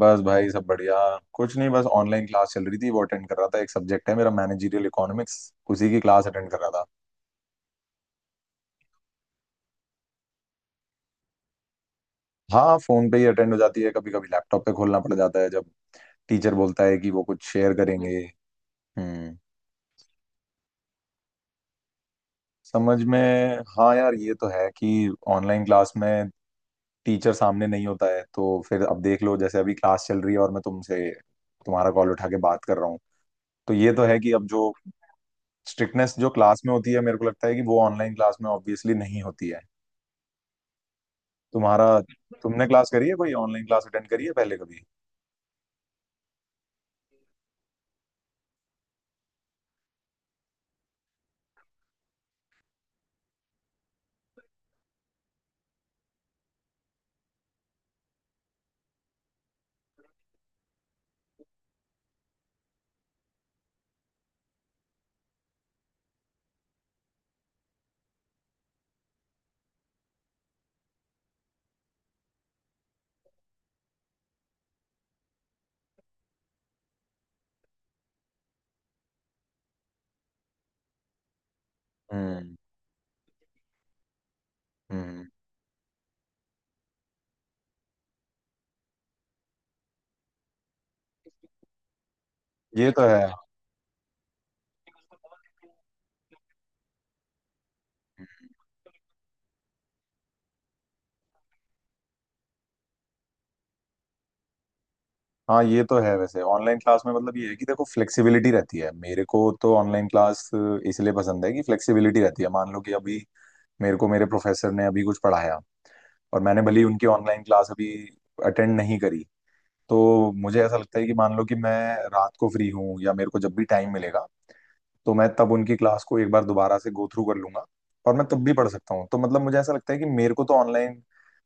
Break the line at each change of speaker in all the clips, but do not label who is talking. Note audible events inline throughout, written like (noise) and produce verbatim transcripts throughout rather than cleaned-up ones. बस भाई सब बढ़िया। कुछ नहीं, बस ऑनलाइन क्लास चल रही थी, वो अटेंड कर रहा था। एक सब्जेक्ट है मेरा मैनेजरियल इकोनॉमिक्स, उसी की क्लास अटेंड कर रहा था। हाँ, फोन पे ही अटेंड हो जाती है, कभी कभी लैपटॉप पे खोलना पड़ जाता है जब टीचर बोलता है कि वो कुछ शेयर करेंगे। हम्म। समझ में। हाँ यार, ये तो है कि ऑनलाइन क्लास में टीचर सामने नहीं होता है, तो फिर अब देख लो, जैसे अभी क्लास चल रही है और मैं तुमसे तुम्हारा कॉल उठा के बात कर रहा हूँ। तो ये तो है कि अब जो स्ट्रिक्टनेस जो क्लास में होती है, मेरे को लगता है कि वो ऑनलाइन क्लास में ऑब्वियसली नहीं होती है। तुम्हारा तुमने क्लास करी है, कोई ऑनलाइन क्लास अटेंड करी है पहले कभी? हम्म, हम्म। ये तो है। हाँ, ये तो है। वैसे ऑनलाइन क्लास में मतलब ये है कि देखो, फ्लेक्सिबिलिटी रहती है। मेरे को तो ऑनलाइन क्लास इसलिए पसंद है कि फ्लेक्सिबिलिटी रहती है। मान लो कि अभी मेरे को मेरे प्रोफेसर ने अभी कुछ पढ़ाया, और मैंने भले ही उनकी ऑनलाइन क्लास अभी अटेंड नहीं करी, तो मुझे ऐसा लगता है कि मान लो कि मैं रात को फ्री हूँ या मेरे को जब भी टाइम मिलेगा, तो मैं तब उनकी क्लास को एक बार दोबारा से गो थ्रू कर लूंगा और मैं तब भी पढ़ सकता हूँ। तो मतलब मुझे ऐसा लगता है कि मेरे को तो ऑनलाइन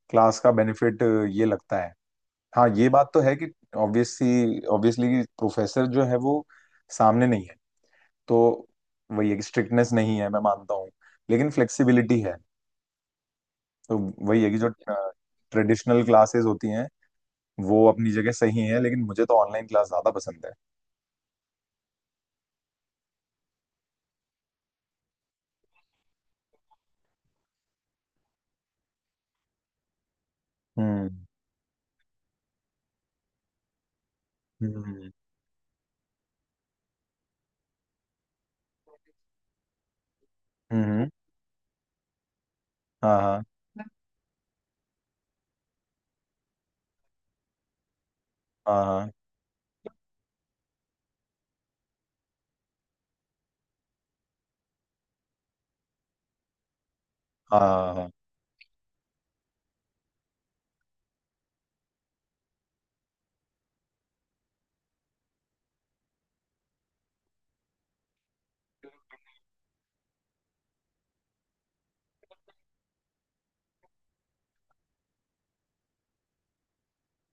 क्लास का बेनिफिट ये लगता है। हाँ, ये बात तो है कि ऑब्वियसली ऑब्वियसली प्रोफेसर जो है वो सामने नहीं है, तो वही है कि स्ट्रिक्टनेस नहीं है, मैं मानता हूँ, लेकिन फ्लेक्सिबिलिटी है। तो वही है कि जो ट्रेडिशनल क्लासेस होती हैं, वो अपनी जगह सही है, लेकिन मुझे तो ऑनलाइन क्लास ज्यादा पसंद है। हम्म, हम्म, हम्म, हम्म, हाँ, हाँ, हाँ, हाँ, हाँ, हाँ, हाँ,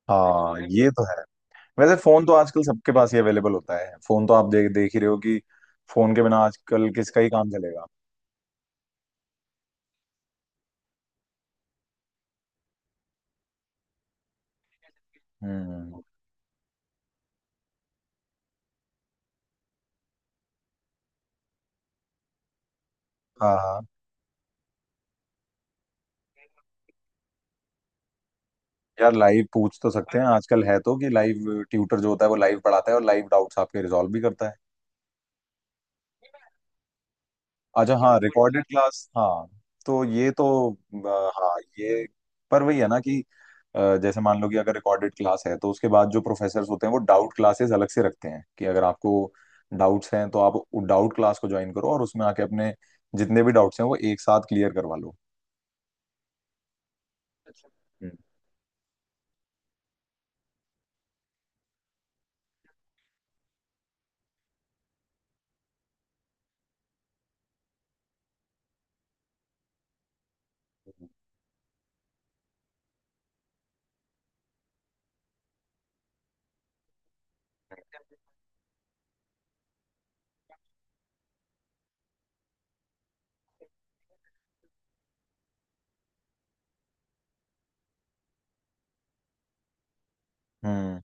हाँ, ये तो है। वैसे फोन तो आजकल सबके पास ही अवेलेबल होता है, फोन तो आप देख देख ही रहे हो कि फोन के बिना आजकल किसका ही काम चलेगा। हम्म, हाँ, हाँ। यार लाइव पूछ तो सकते हैं, आजकल है तो कि लाइव ट्यूटर जो होता है वो लाइव पढ़ाता है और लाइव डाउट्स आपके रिजॉल्व भी करता है। अच्छा, हाँ, रिकॉर्डेड पॉडकास्ट क्लास, हाँ। तो ये तो अ, हाँ, ये पर वही है ना कि अ, जैसे मान लो कि अगर रिकॉर्डेड क्लास है, तो उसके बाद जो प्रोफेसर्स होते हैं वो डाउट क्लासेस अलग से रखते हैं कि अगर आपको डाउट्स हैं तो आप डाउट क्लास को ज्वाइन करो और उसमें आके अपने जितने भी डाउट्स हैं वो एक साथ क्लियर करवा लो। अच्छा। हम्म, हम्म,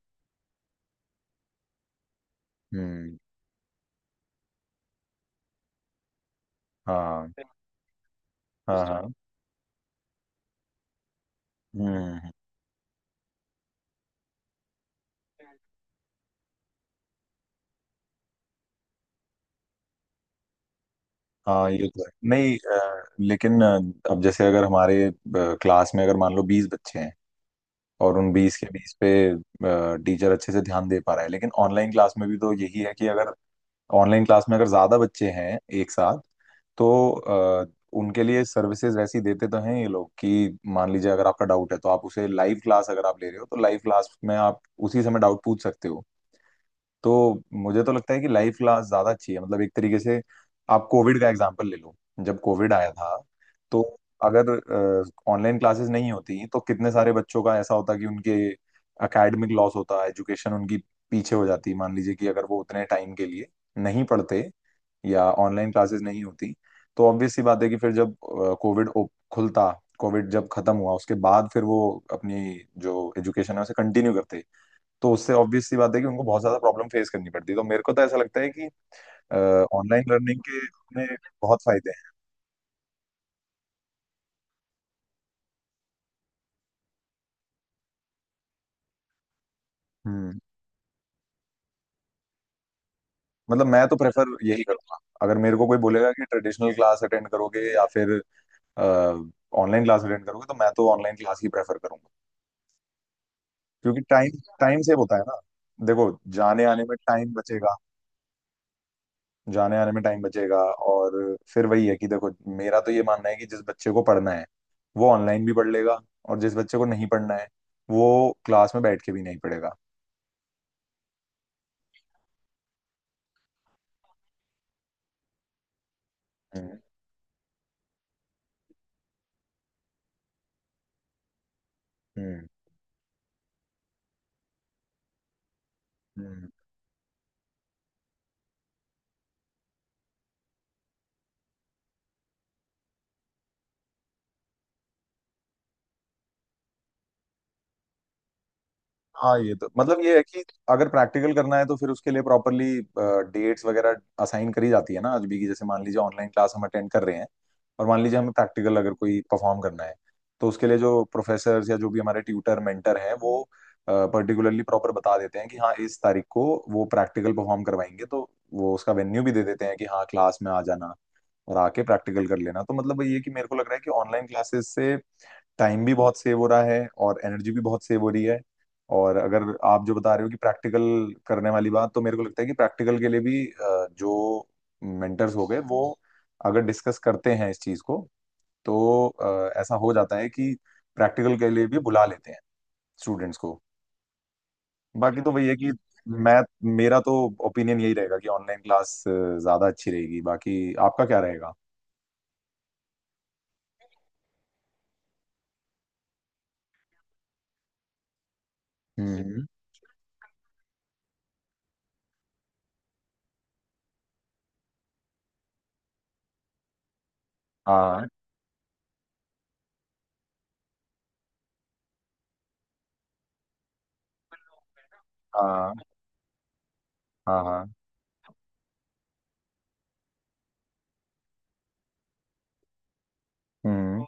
हम्म, हाँ, हाँ, हाँ, इंटरेस्टिंग। हम्म। हाँ, ये तो है नहीं। अ, लेकिन अ, अब जैसे अगर हमारे क्लास में अगर मान लो बीस बच्चे हैं, और उन बीस के बीस पे टीचर अच्छे से ध्यान दे पा रहा है, लेकिन ऑनलाइन क्लास में भी तो यही है कि अगर ऑनलाइन क्लास में अगर ज्यादा बच्चे हैं एक साथ तो अ, उनके लिए सर्विसेज वैसी देते तो हैं ये लोग कि मान लीजिए अगर आपका डाउट है तो आप उसे लाइव क्लास अगर आप ले रहे हो तो लाइव क्लास में आप उसी समय डाउट पूछ सकते हो। तो मुझे तो लगता है कि लाइव क्लास ज्यादा अच्छी है, मतलब एक तरीके से आप कोविड का एग्जांपल ले लो। जब कोविड आया था तो अगर ऑनलाइन क्लासेस नहीं होती तो कितने सारे बच्चों का ऐसा होता कि उनके एकेडमिक लॉस होता, एजुकेशन उनकी पीछे हो जाती। मान लीजिए कि अगर वो उतने टाइम के लिए नहीं पढ़ते या ऑनलाइन क्लासेस नहीं होती तो ऑब्वियस सी बात है कि फिर जब कोविड खुलता, कोविड जब खत्म हुआ उसके बाद फिर वो अपनी जो एजुकेशन है उसे कंटिन्यू करते, तो उससे ऑब्वियस सी बात है कि उनको बहुत ज्यादा प्रॉब्लम फेस करनी पड़ती है। तो मेरे को तो ऐसा लगता है कि ऑनलाइन लर्निंग के अपने बहुत फायदे हैं। हम्म, मतलब मैं तो प्रेफर यही करूंगा, अगर मेरे को कोई बोलेगा कि ट्रेडिशनल क्लास अटेंड करोगे या फिर ऑनलाइन क्लास अटेंड करोगे, तो मैं तो ऑनलाइन क्लास ही प्रेफर करूंगा। क्योंकि टाइम टाइम सेव होता है ना, देखो। जाने आने में टाइम बचेगा, जाने आने में टाइम बचेगा, और फिर वही है कि देखो, मेरा तो ये मानना है कि जिस बच्चे को पढ़ना है वो ऑनलाइन भी पढ़ लेगा, और जिस बच्चे को नहीं पढ़ना है वो क्लास में बैठ के भी नहीं पढ़ेगा। हम्म, हम्म, हम्म, हाँ, ये तो मतलब ये है कि अगर प्रैक्टिकल करना है तो फिर उसके लिए प्रॉपरली डेट्स वगैरह असाइन करी जाती है ना आज भी की, जैसे मान लीजिए ऑनलाइन क्लास हम अटेंड कर रहे हैं और मान लीजिए हमें प्रैक्टिकल अगर कोई परफॉर्म करना है तो उसके लिए जो प्रोफेसर या जो भी हमारे ट्यूटर मेंटर हैं वो पर्टिकुलरली प्रॉपर बता देते हैं कि हाँ इस तारीख को वो प्रैक्टिकल परफॉर्म करवाएंगे। तो वो उसका वेन्यू भी दे देते हैं कि हाँ क्लास में आ जाना और आके प्रैक्टिकल कर लेना। तो मतलब ये है कि मेरे को लग रहा है कि ऑनलाइन क्लासेस से टाइम भी बहुत सेव हो रहा है और एनर्जी भी बहुत सेव हो रही है। और अगर आप जो बता रहे हो कि प्रैक्टिकल करने वाली बात, तो मेरे को लगता है कि प्रैक्टिकल के लिए भी अ, जो मेंटर्स हो गए वो अगर डिस्कस करते हैं इस चीज को, तो अ, ऐसा हो जाता है कि प्रैक्टिकल के लिए भी बुला लेते हैं स्टूडेंट्स को। बाकी तो वही है कि मैं मेरा तो ओपिनियन यही रहेगा कि ऑनलाइन क्लास ज्यादा अच्छी रहेगी, बाकी आपका क्या रहेगा? हम्म, हाँ, हाँ, हाँ, हाँ, हम्म,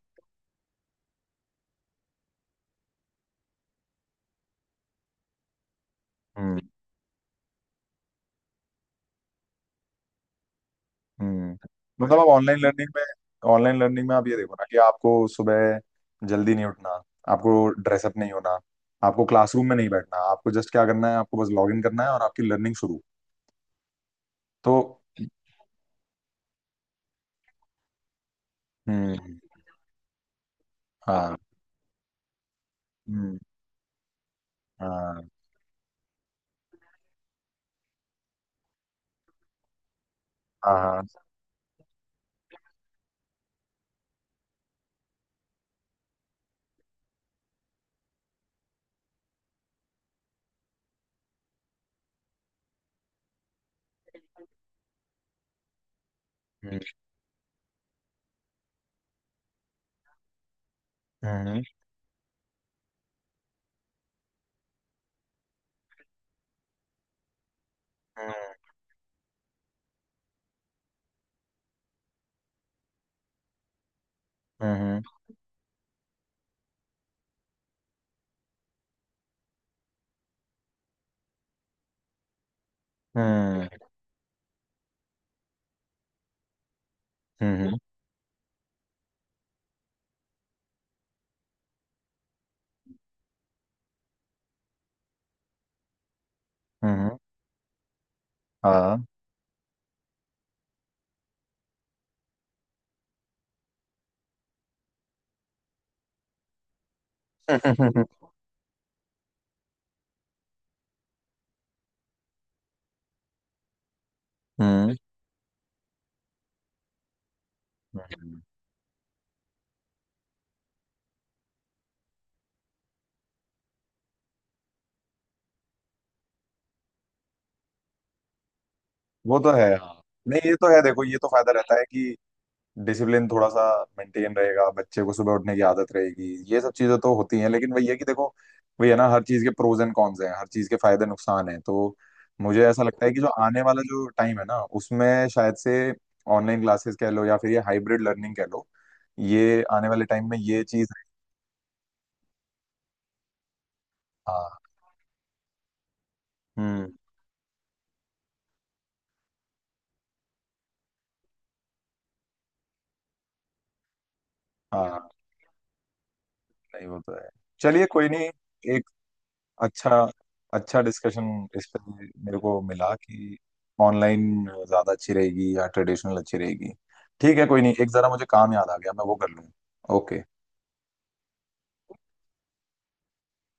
हम्म, हम्म। तो मतलब आप ऑनलाइन लर्निंग में ऑनलाइन लर्निंग में आप ये देखो ना कि आपको सुबह जल्दी नहीं उठना, आपको ड्रेसअप नहीं होना, आपको क्लासरूम में नहीं बैठना, आपको जस्ट क्या करना है, आपको बस लॉग इन करना है और आपकी लर्निंग शुरू। तो हम्म, हाँ, हम्म, हाँ, हाँ, हाँ, हम्म, हम्म, हम्म, हम्म, हम्म, हम्म, हम्म, हाँ, (laughs) हम्म, हम्म। वो तो है, हाँ। नहीं, ये तो है देखो, ये तो फायदा रहता है कि डिसिप्लिन थोड़ा सा मेंटेन रहेगा, बच्चे को सुबह उठने की आदत रहेगी, ये सब चीजें तो होती हैं, लेकिन वही है कि देखो, वही है ना, हर चीज के प्रोज एंड कॉन्स हैं, हर चीज के फायदे नुकसान हैं, तो मुझे ऐसा लगता है कि जो आने वाला जो टाइम है ना, उसमें शायद से ऑनलाइन क्लासेस कह लो या फिर ये हाइब्रिड लर्निंग कह लो, ये आने वाले टाइम में ये चीज। हाँ, हम्म, हाँ। नहीं, वो तो है। चलिए कोई नहीं, एक अच्छा अच्छा डिस्कशन इस पे मेरे को मिला कि ऑनलाइन ज़्यादा अच्छी रहेगी या ट्रेडिशनल अच्छी रहेगी। ठीक है, कोई नहीं, एक ज़रा मुझे काम याद आ गया, मैं वो कर लूँ। ओके।